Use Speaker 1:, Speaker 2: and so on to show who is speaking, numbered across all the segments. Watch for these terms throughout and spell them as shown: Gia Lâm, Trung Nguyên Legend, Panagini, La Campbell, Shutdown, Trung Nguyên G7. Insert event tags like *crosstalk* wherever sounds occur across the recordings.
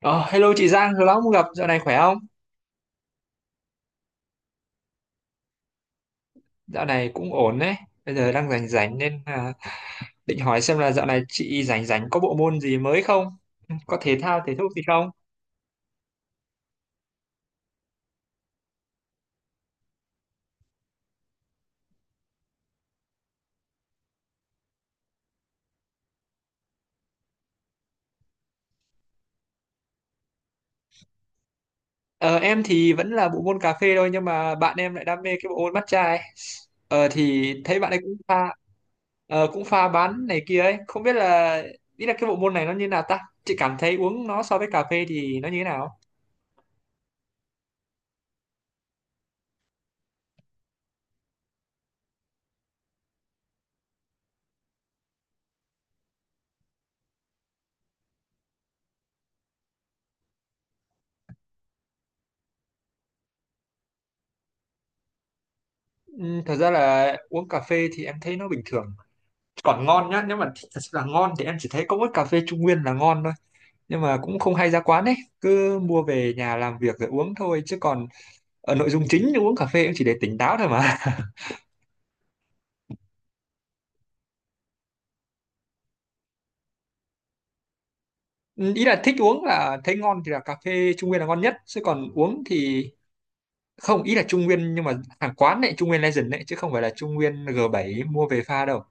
Speaker 1: Ờ, Hello chị Giang, lâu lắm không gặp, dạo này khỏe không? Dạo này cũng ổn đấy, bây giờ đang rảnh rảnh định hỏi xem là dạo này chị rảnh rảnh có bộ môn gì mới không? Có thể thao gì không? Ờ, em thì vẫn là bộ môn cà phê thôi nhưng mà bạn em lại đam mê cái bộ môn matcha ấy. Thì thấy bạn ấy cũng pha bán này kia ấy, không biết là ý là cái bộ môn này nó như nào ta? Chị cảm thấy uống nó so với cà phê thì nó như thế nào? Ừ, Thật ra là uống cà phê thì em thấy nó bình thường, còn ngon nhá, nếu mà thích thật sự là ngon thì em chỉ thấy có mỗi cà phê Trung Nguyên là ngon thôi, nhưng mà cũng không hay ra quán ấy, cứ mua về nhà làm việc rồi uống thôi, chứ còn ở nội dung chính uống cà phê cũng chỉ để tỉnh táo thôi mà. *laughs* Ừ, Ý là thích uống là thấy ngon thì là cà phê Trung Nguyên là ngon nhất, chứ còn uống thì không, ý là Trung Nguyên nhưng mà hàng quán này, Trung Nguyên Legend đấy chứ không phải là Trung Nguyên G7 mua về pha đâu.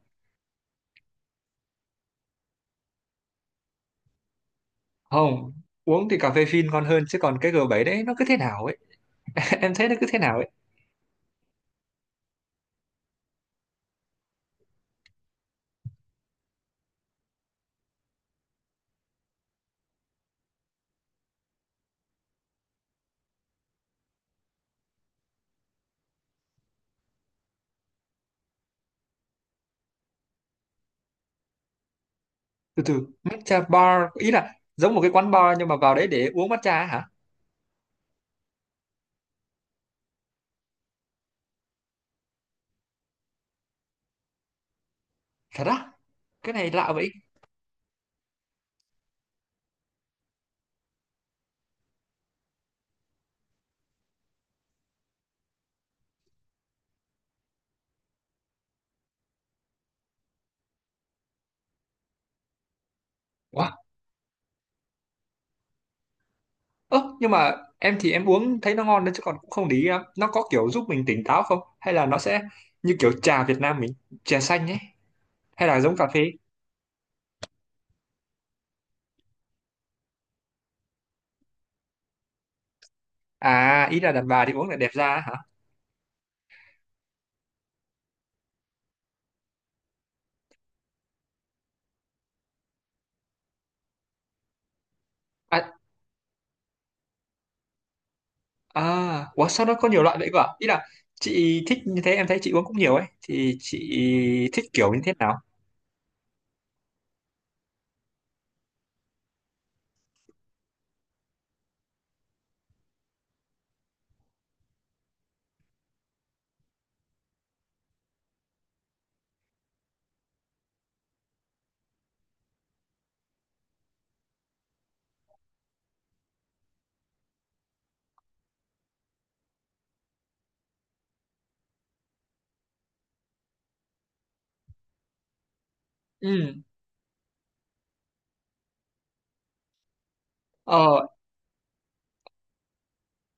Speaker 1: Không, uống thì cà phê phin ngon hơn chứ còn cái G7 đấy nó cứ thế nào ấy. *laughs* Em thấy nó cứ thế nào ấy. Từ từ, matcha bar ý là giống một cái quán bar nhưng mà vào đấy để uống matcha á hả? Thật á? Cái này lạ vậy. Wow. Ơ nhưng mà em thì em uống thấy nó ngon đấy, chứ còn cũng không để ý lắm nó có kiểu giúp mình tỉnh táo không, hay là nó sẽ như kiểu trà Việt Nam mình, trà xanh ấy, hay là giống cà phê. À, ý là đàn bà thì uống lại đẹp da á hả? À, à ủa sao nó có nhiều loại vậy cơ à? Ý là chị thích như thế, em thấy chị uống cũng nhiều ấy thì chị thích kiểu như thế nào? Ừ. ờ.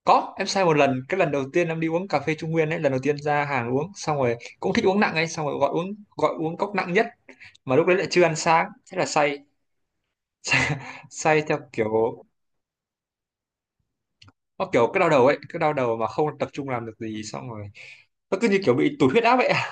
Speaker 1: Có, em sai một lần, cái lần đầu tiên em đi uống cà phê Trung Nguyên ấy, lần đầu tiên ra hàng uống, xong rồi cũng thích uống nặng ấy, xong rồi gọi uống cốc nặng nhất, mà lúc đấy lại chưa ăn sáng, thế là say, *laughs* say, theo kiểu nó kiểu cái đau đầu ấy, cái đau đầu mà không tập trung làm được gì, xong rồi nó cứ như kiểu bị tụt huyết áp vậy. *laughs* À.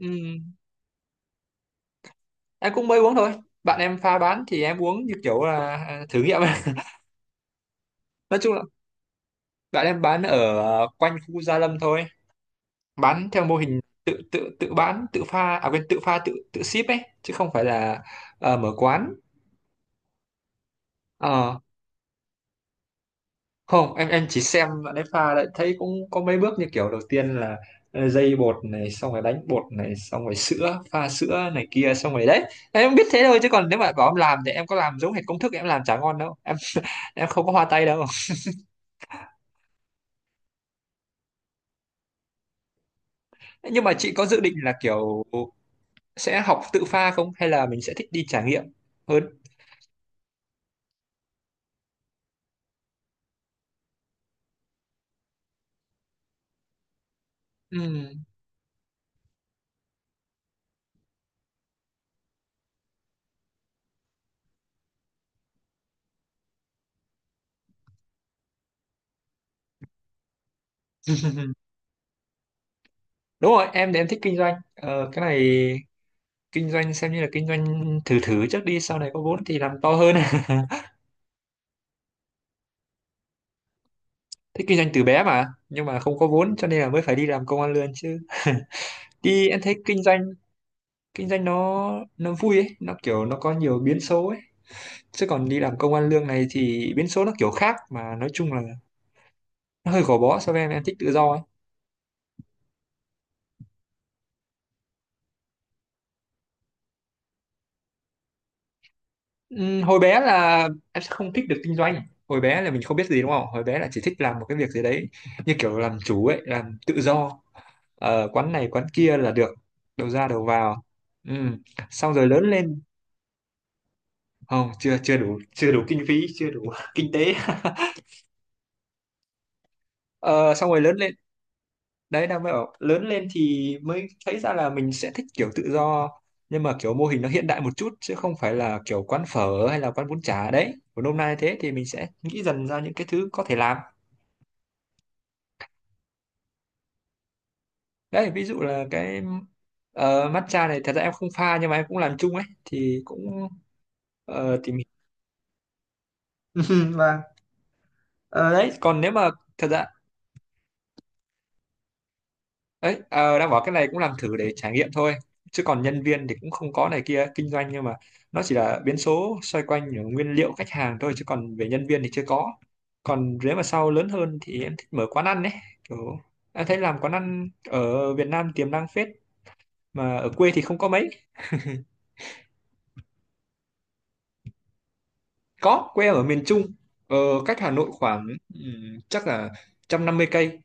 Speaker 1: Ừm, em cũng mới uống thôi, bạn em pha bán thì em uống như kiểu là thử nghiệm ấy. *laughs* Nói chung là bạn em bán ở quanh khu Gia Lâm thôi, bán theo mô hình tự tự tự bán tự pha à quên tự pha tự tự ship ấy, chứ không phải là mở quán. Ờ, Không, em chỉ xem bạn ấy pha lại thấy cũng có mấy bước như kiểu đầu tiên là dây bột này, xong rồi đánh bột này, xong rồi sữa, pha sữa này kia xong rồi đấy. Em biết thế thôi chứ còn nếu mà bảo em làm thì em có làm giống hệt công thức em làm chả ngon đâu em. *laughs* Em không có hoa tay đâu. Nhưng mà chị có dự định là kiểu sẽ học tự pha không, hay là mình sẽ thích đi trải nghiệm hơn? Ừ. *laughs* Đúng rồi, em thì em thích kinh doanh cái này, kinh doanh xem như là kinh doanh thử thử trước đi, sau này có vốn thì làm to hơn. *laughs* Thích kinh doanh từ bé mà, nhưng mà không có vốn cho nên là mới phải đi làm công ăn lương chứ. *laughs* Đi em thấy kinh doanh, kinh doanh nó nó vui ấy, nó kiểu nó có nhiều biến số ấy, chứ còn đi làm công ăn lương này thì biến số nó kiểu khác, mà nói chung là nó hơi gò bó so với em thích tự do ấy. Hồi bé là em sẽ không thích được kinh doanh, hồi bé là mình không biết gì đúng không, hồi bé là chỉ thích làm một cái việc gì đấy như kiểu làm chủ ấy, làm tự do. Quán này quán kia là được, đầu ra đầu vào. Ừm, Xong rồi lớn lên. Không, chưa chưa đủ, chưa đủ kinh phí, chưa đủ *laughs* kinh tế. Ờ, Xong rồi lớn lên, đấy đang mới bảo lớn lên thì mới thấy ra là mình sẽ thích kiểu tự do, nhưng mà kiểu mô hình nó hiện đại một chút, chứ không phải là kiểu quán phở hay là quán bún chả đấy của hôm nay, thế thì mình sẽ nghĩ dần ra những cái thứ có thể làm. Đấy ví dụ là matcha này, thật ra em không pha nhưng mà em cũng làm chung ấy, thì cũng tìm hiểu. *laughs* Và Ờ, đấy còn nếu mà thật ra đấy, đang bảo cái này cũng làm thử để trải nghiệm thôi, chứ còn nhân viên thì cũng không có này kia, kinh doanh nhưng mà nó chỉ là biến số xoay quanh ở nguyên liệu, khách hàng thôi chứ còn về nhân viên thì chưa có. Còn nếu mà sau lớn hơn thì em thích mở quán ăn đấy, kiểu em thấy làm quán ăn ở Việt Nam tiềm năng phết, mà ở quê thì không có mấy. Có, quê em ở miền Trung, ờ, cách Hà Nội khoảng chắc là 150 cây.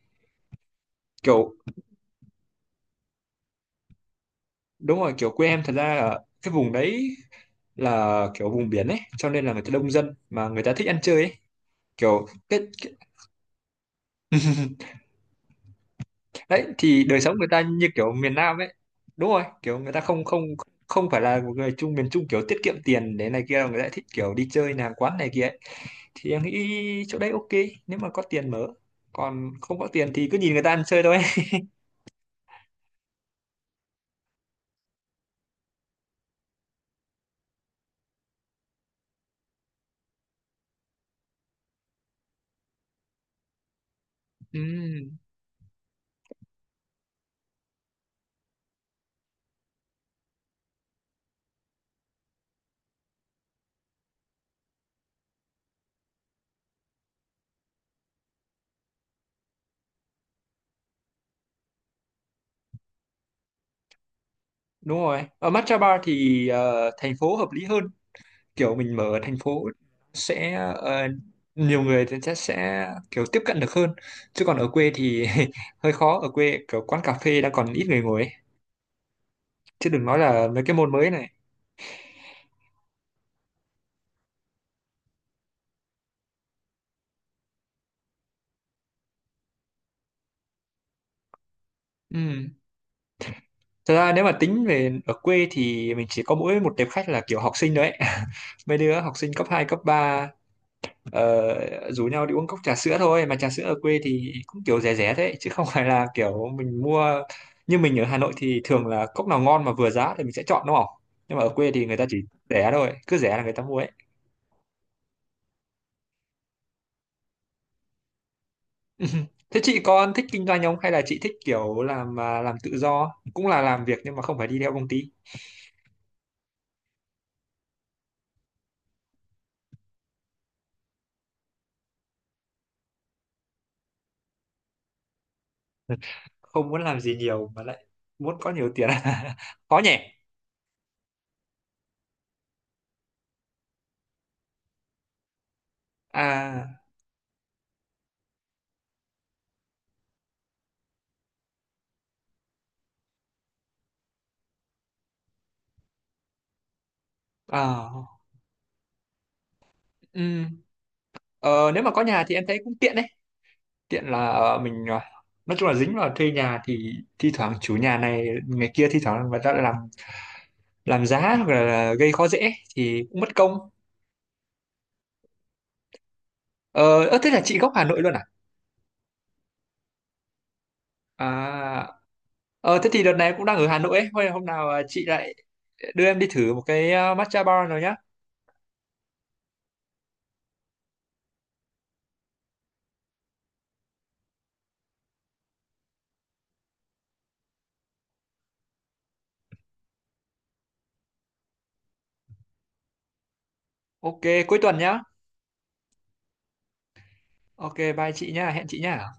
Speaker 1: Kiểu đúng rồi, kiểu quê em thật ra là cái vùng đấy là kiểu vùng biển ấy, cho nên là người ta đông dân mà người ta thích ăn chơi ấy. Kiểu cái... *laughs* Đấy thì đời sống người ta như kiểu miền Nam ấy. Đúng rồi, kiểu người ta không không không phải là một người Trung, miền Trung kiểu tiết kiệm tiền để này kia, người ta thích kiểu đi chơi nàng quán này kia ấy. Thì em nghĩ chỗ đấy ok nếu mà có tiền mở. Còn không có tiền thì cứ nhìn người ta ăn chơi thôi. *laughs* Ừm. Đúng rồi, ở matcha bar thì thành phố hợp lý hơn, kiểu mình mở ở thành phố sẽ nhiều người thì chắc sẽ kiểu tiếp cận được hơn, chứ còn ở quê thì *laughs* hơi khó, ở quê kiểu quán cà phê đã còn ít người ngồi ấy, chứ đừng nói là mấy cái môn mới này. Ừ. Thật ra nếu mà tính về ở quê thì mình chỉ có mỗi một tệp khách là kiểu học sinh đấy, *laughs* mấy đứa học sinh cấp 2 cấp 3 rủ nhau đi uống cốc trà sữa thôi, mà trà sữa ở quê thì cũng kiểu rẻ rẻ đấy chứ không *laughs* phải là kiểu mình mua như mình ở Hà Nội thì thường là cốc nào ngon mà vừa giá thì mình sẽ chọn đúng không, nhưng mà ở quê thì người ta chỉ rẻ thôi, cứ rẻ là người ta mua ấy. *laughs* Thế chị con thích kinh doanh không, hay là chị thích kiểu làm làm tự do cũng là làm việc nhưng mà không phải đi theo công ty? Không muốn làm gì nhiều mà lại muốn có nhiều tiền, *laughs* khó nhỉ. À. À. Ừ. Nếu mà có nhà thì em thấy cũng tiện đấy, tiện là nói chung là dính vào thuê nhà thì thi thoảng chủ nhà này ngày kia, thi thoảng người ta lại làm giá hoặc là gây khó dễ thì cũng mất công. Thế là chị gốc Hà Nội luôn à? À. Ờ thế thì đợt này cũng đang ở Hà Nội ấy. Thôi hôm nào chị lại đưa em đi thử một cái matcha bar rồi nhá. Ok, cuối tuần nhá. Ok, bye chị nhá, hẹn chị nhá.